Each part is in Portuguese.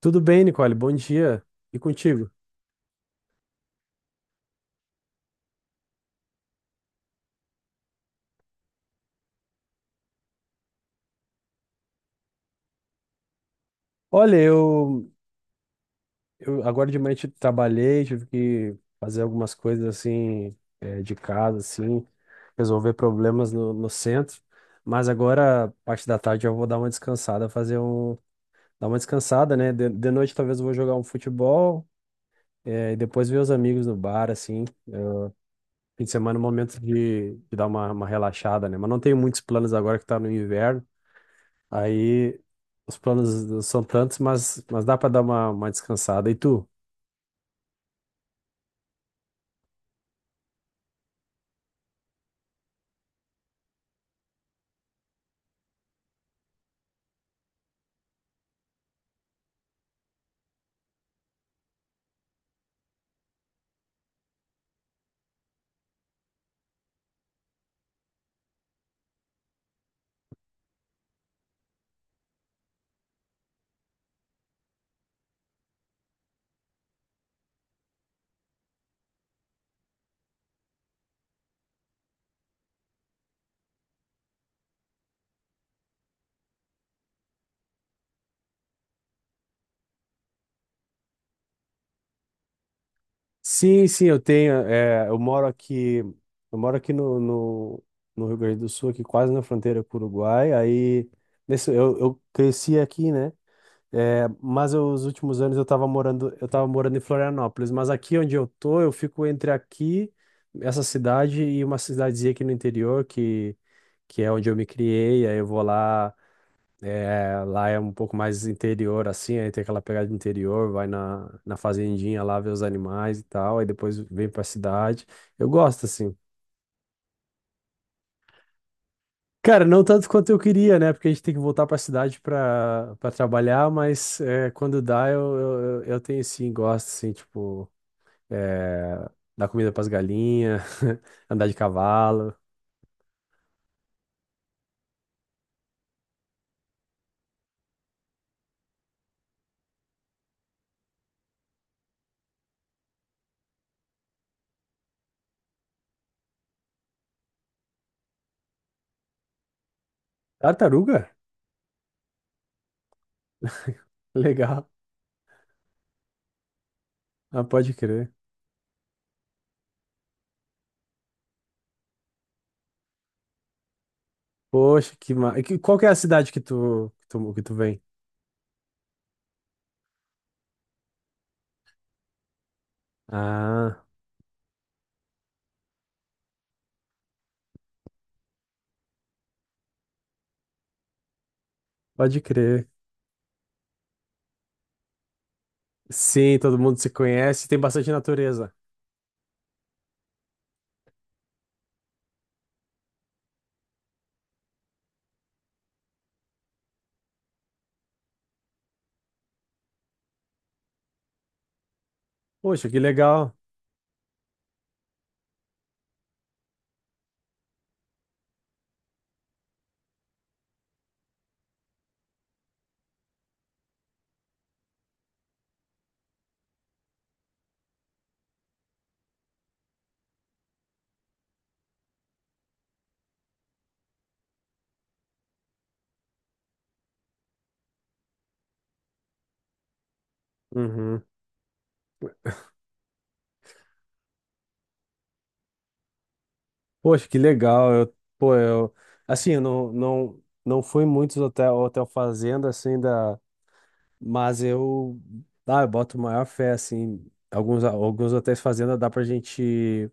Tudo bem, Nicole? Bom dia. E contigo? Olha, eu agora de manhã trabalhei, tive que fazer algumas coisas assim de casa, assim, resolver problemas no centro. Mas agora, parte da tarde, eu vou dar uma descansada, dar uma descansada, né? De noite talvez eu vou jogar um futebol, e depois ver os amigos no bar, assim. Fim de semana é um momento de dar uma relaxada, né? Mas não tenho muitos planos agora que tá no inverno. Aí os planos são tantos, mas dá para dar uma descansada. E tu? Sim, sim, eu tenho. Eu moro aqui no Rio Grande do Sul, aqui quase na fronteira com o Uruguai. Aí eu cresci aqui, né? É, mas os últimos anos eu tava morando em Florianópolis. Mas aqui onde eu tô, eu fico entre aqui, essa cidade, e uma cidadezinha aqui no interior, que é onde eu me criei. Aí eu vou lá. É, lá é um pouco mais interior, assim, aí tem aquela pegada de interior, vai na fazendinha lá ver os animais e tal, aí depois vem pra cidade. Eu gosto, assim. Cara, não tanto quanto eu queria, né? Porque a gente tem que voltar pra cidade pra trabalhar, mas é, quando dá, eu tenho sim, gosto, assim, tipo, é, dar comida pras galinhas, andar de cavalo. Tartaruga? Legal. Ah, pode crer. Poxa, que, ma... e que- qual que é a cidade que tu vem? Ah. Pode crer. Sim, todo mundo se conhece, tem bastante natureza. Poxa, que legal. Uhum. Poxa, que legal. Pô, assim, eu não fui muitos hotel fazenda assim, mas eu boto maior fé assim. Alguns hotéis fazenda dá pra gente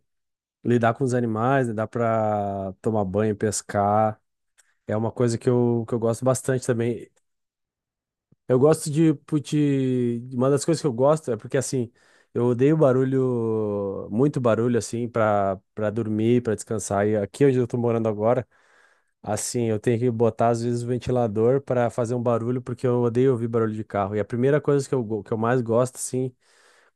lidar com os animais, né? Dá pra tomar banho, pescar. É uma coisa que eu gosto bastante também. Eu gosto de, put- Uma das coisas que eu gosto é porque, assim, eu odeio barulho, muito barulho, assim, pra dormir, pra descansar. E aqui onde eu tô morando agora, assim, eu tenho que botar, às vezes, o ventilador pra fazer um barulho, porque eu odeio ouvir barulho de carro. E a primeira coisa que eu mais gosto, assim,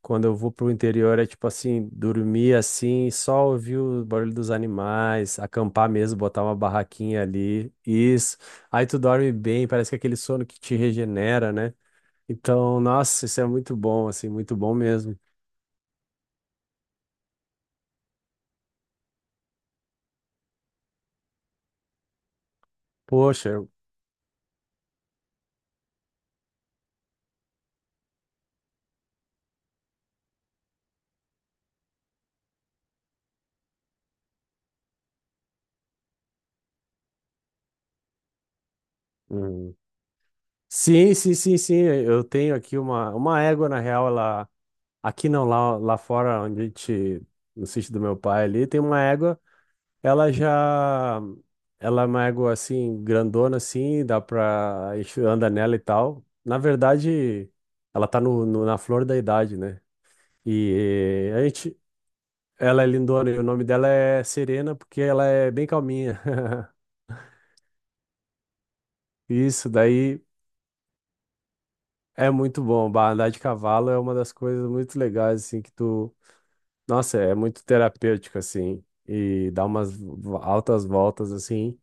quando eu vou pro interior é, tipo assim, dormir, assim, só ouvir o barulho dos animais, acampar mesmo, botar uma barraquinha ali. Isso. Aí tu dorme bem, parece que é aquele sono que te regenera, né? Então, nossa, isso é muito bom, assim, muito bom mesmo. Poxa, hum. Sim, sim, sim, sim, eu tenho aqui uma égua, na real, ela, aqui não, lá fora, onde a gente, no sítio do meu pai ali, tem uma égua, ela já, ela é uma égua, assim, grandona, assim, a gente anda nela e tal. Na verdade, ela tá na flor da idade, né? E a gente, ela é lindona e o nome dela é Serena, porque ela é bem calminha. Isso daí é muito bom. Bah, andar de cavalo é uma das coisas muito legais, assim, que tu. Nossa, é muito terapêutico, assim, e dá umas altas voltas, assim.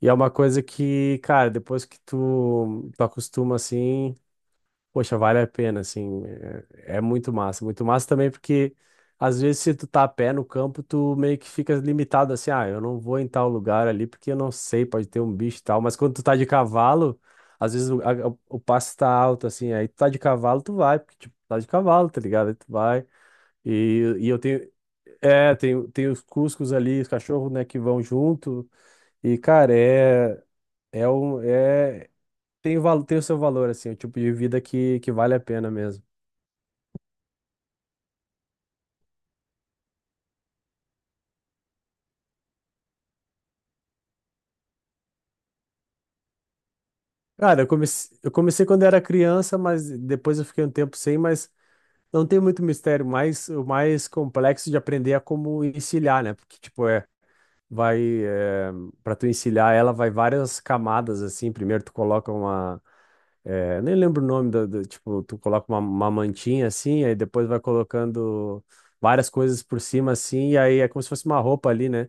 E é uma coisa que, cara, depois que tu acostuma, assim. Poxa, vale a pena, assim, é muito massa também porque às vezes se tu tá a pé no campo, tu meio que fica limitado assim, ah, eu não vou em tal lugar ali porque eu não sei, pode ter um bicho e tal, mas quando tu tá de cavalo, às vezes o passo tá alto, assim, aí tu tá de cavalo, tu vai, porque tipo, tá de cavalo, tá ligado? Aí tu vai, e tem os cuscos ali, os cachorros, né, que vão junto, e cara, é um, é, tem o seu valor, assim, é o tipo de vida que vale a pena mesmo. Cara, eu comecei quando era criança, mas depois eu fiquei um tempo sem, mas não tem muito mistério, mas o mais complexo de aprender é como encilhar, né? Porque, tipo, vai, é, para tu encilhar ela, vai várias camadas, assim, primeiro tu coloca nem lembro o nome tipo, tu coloca uma mantinha assim, aí depois vai colocando várias coisas por cima assim, e aí é como se fosse uma roupa ali, né?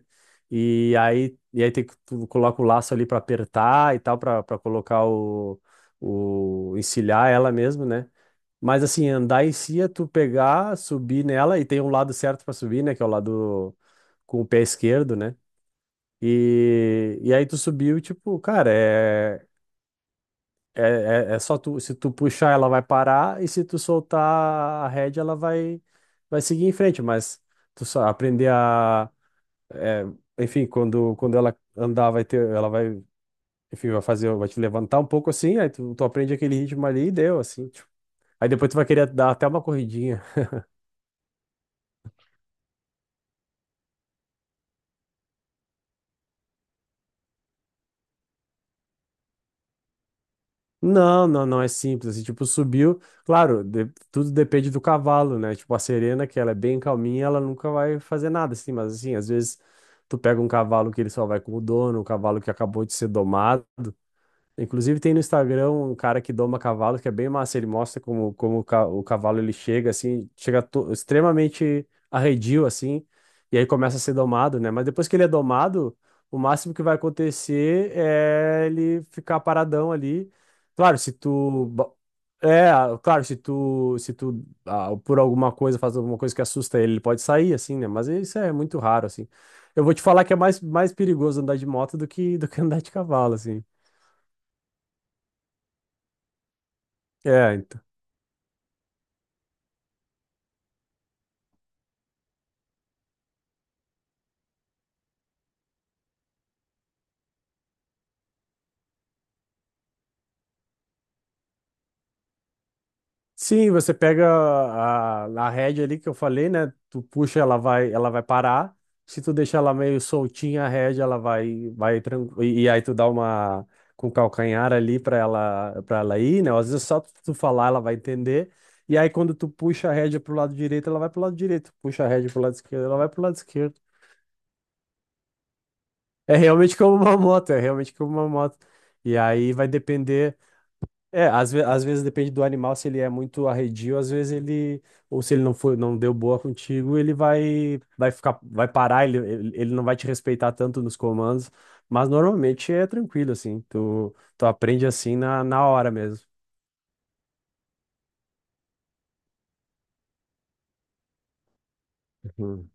E aí tem que tu coloca o laço ali pra apertar e tal, pra para colocar o encilhar ela mesmo, né? Mas assim, andar em si é tu pegar, subir nela e tem um lado certo pra subir, né? Que é o lado com o pé esquerdo, né? E aí tu subiu, tipo, cara, é só tu, se tu puxar, ela vai parar, e se tu soltar a rédea, ela vai seguir em frente, mas tu só aprender a, é, enfim, quando ela andar, vai ter, ela vai, enfim, vai fazer, vai te levantar um pouco assim, aí tu aprende aquele ritmo ali e deu, assim, tipo. Aí depois tu vai querer dar até uma corridinha. Não, não, não é simples. Assim, tipo, subiu. Claro, tudo depende do cavalo, né? Tipo, a Serena, que ela é bem calminha, ela nunca vai fazer nada, assim. Mas, assim, às vezes tu pega um cavalo que ele só vai com o dono, um cavalo que acabou de ser domado. Inclusive tem no Instagram um cara que doma cavalo, que é bem massa, ele mostra como o cavalo ele chega assim, chega extremamente arredio assim, e aí começa a ser domado, né? Mas depois que ele é domado, o máximo que vai acontecer é ele ficar paradão ali. Claro, se tu ba- é, ah, claro, se tu, por alguma coisa faz alguma coisa que assusta ele, ele pode sair assim, né? Mas isso é muito raro assim. Eu vou te falar que é mais perigoso andar de moto do que andar de cavalo assim. É, sim, você pega a rédea ali que eu falei, né? Tu puxa, ela vai parar. Se tu deixar ela meio soltinha, a rédea, ela vai tranquilo. E aí tu dá uma com o calcanhar ali para ela ir, né? Às vezes é só tu falar, ela vai entender. E aí quando tu puxa a rédea pro lado direito, ela vai pro lado direito. Puxa a rédea pro lado esquerdo, ela vai pro lado esquerdo. É realmente como uma moto, é realmente como uma moto. E aí vai depender. É, às vezes depende do animal, se ele é muito arredio, às vezes ele, ou se ele não foi, não deu boa contigo, vai ficar, vai parar, ele não vai te respeitar tanto nos comandos, mas normalmente é tranquilo, assim, tu aprende assim na hora mesmo. Uhum.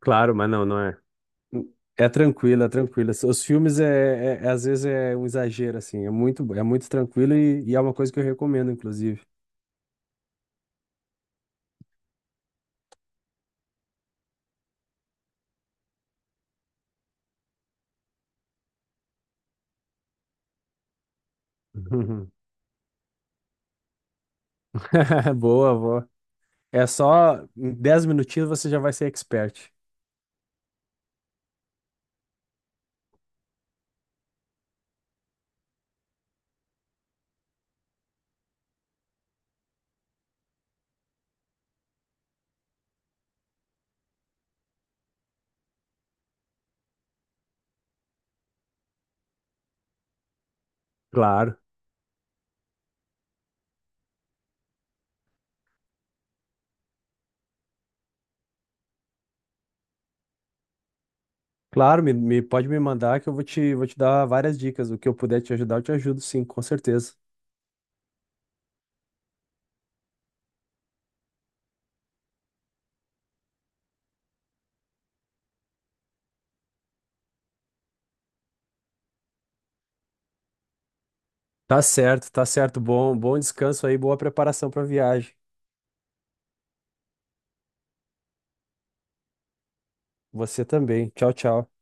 Claro, mas não, não é. É tranquilo, é tranquilo. Os filmes, às vezes, é um exagero, assim, é muito tranquilo e é uma coisa que eu recomendo, inclusive. Uhum. Boa, boa. É só em 10 minutinhos você já vai ser expert. Claro. Claro, pode me mandar que eu vou te dar várias dicas. O que eu puder te ajudar, eu te ajudo, sim, com certeza. Tá certo, tá certo. Bom, bom descanso aí, boa preparação para viagem. Você também. Tchau, tchau.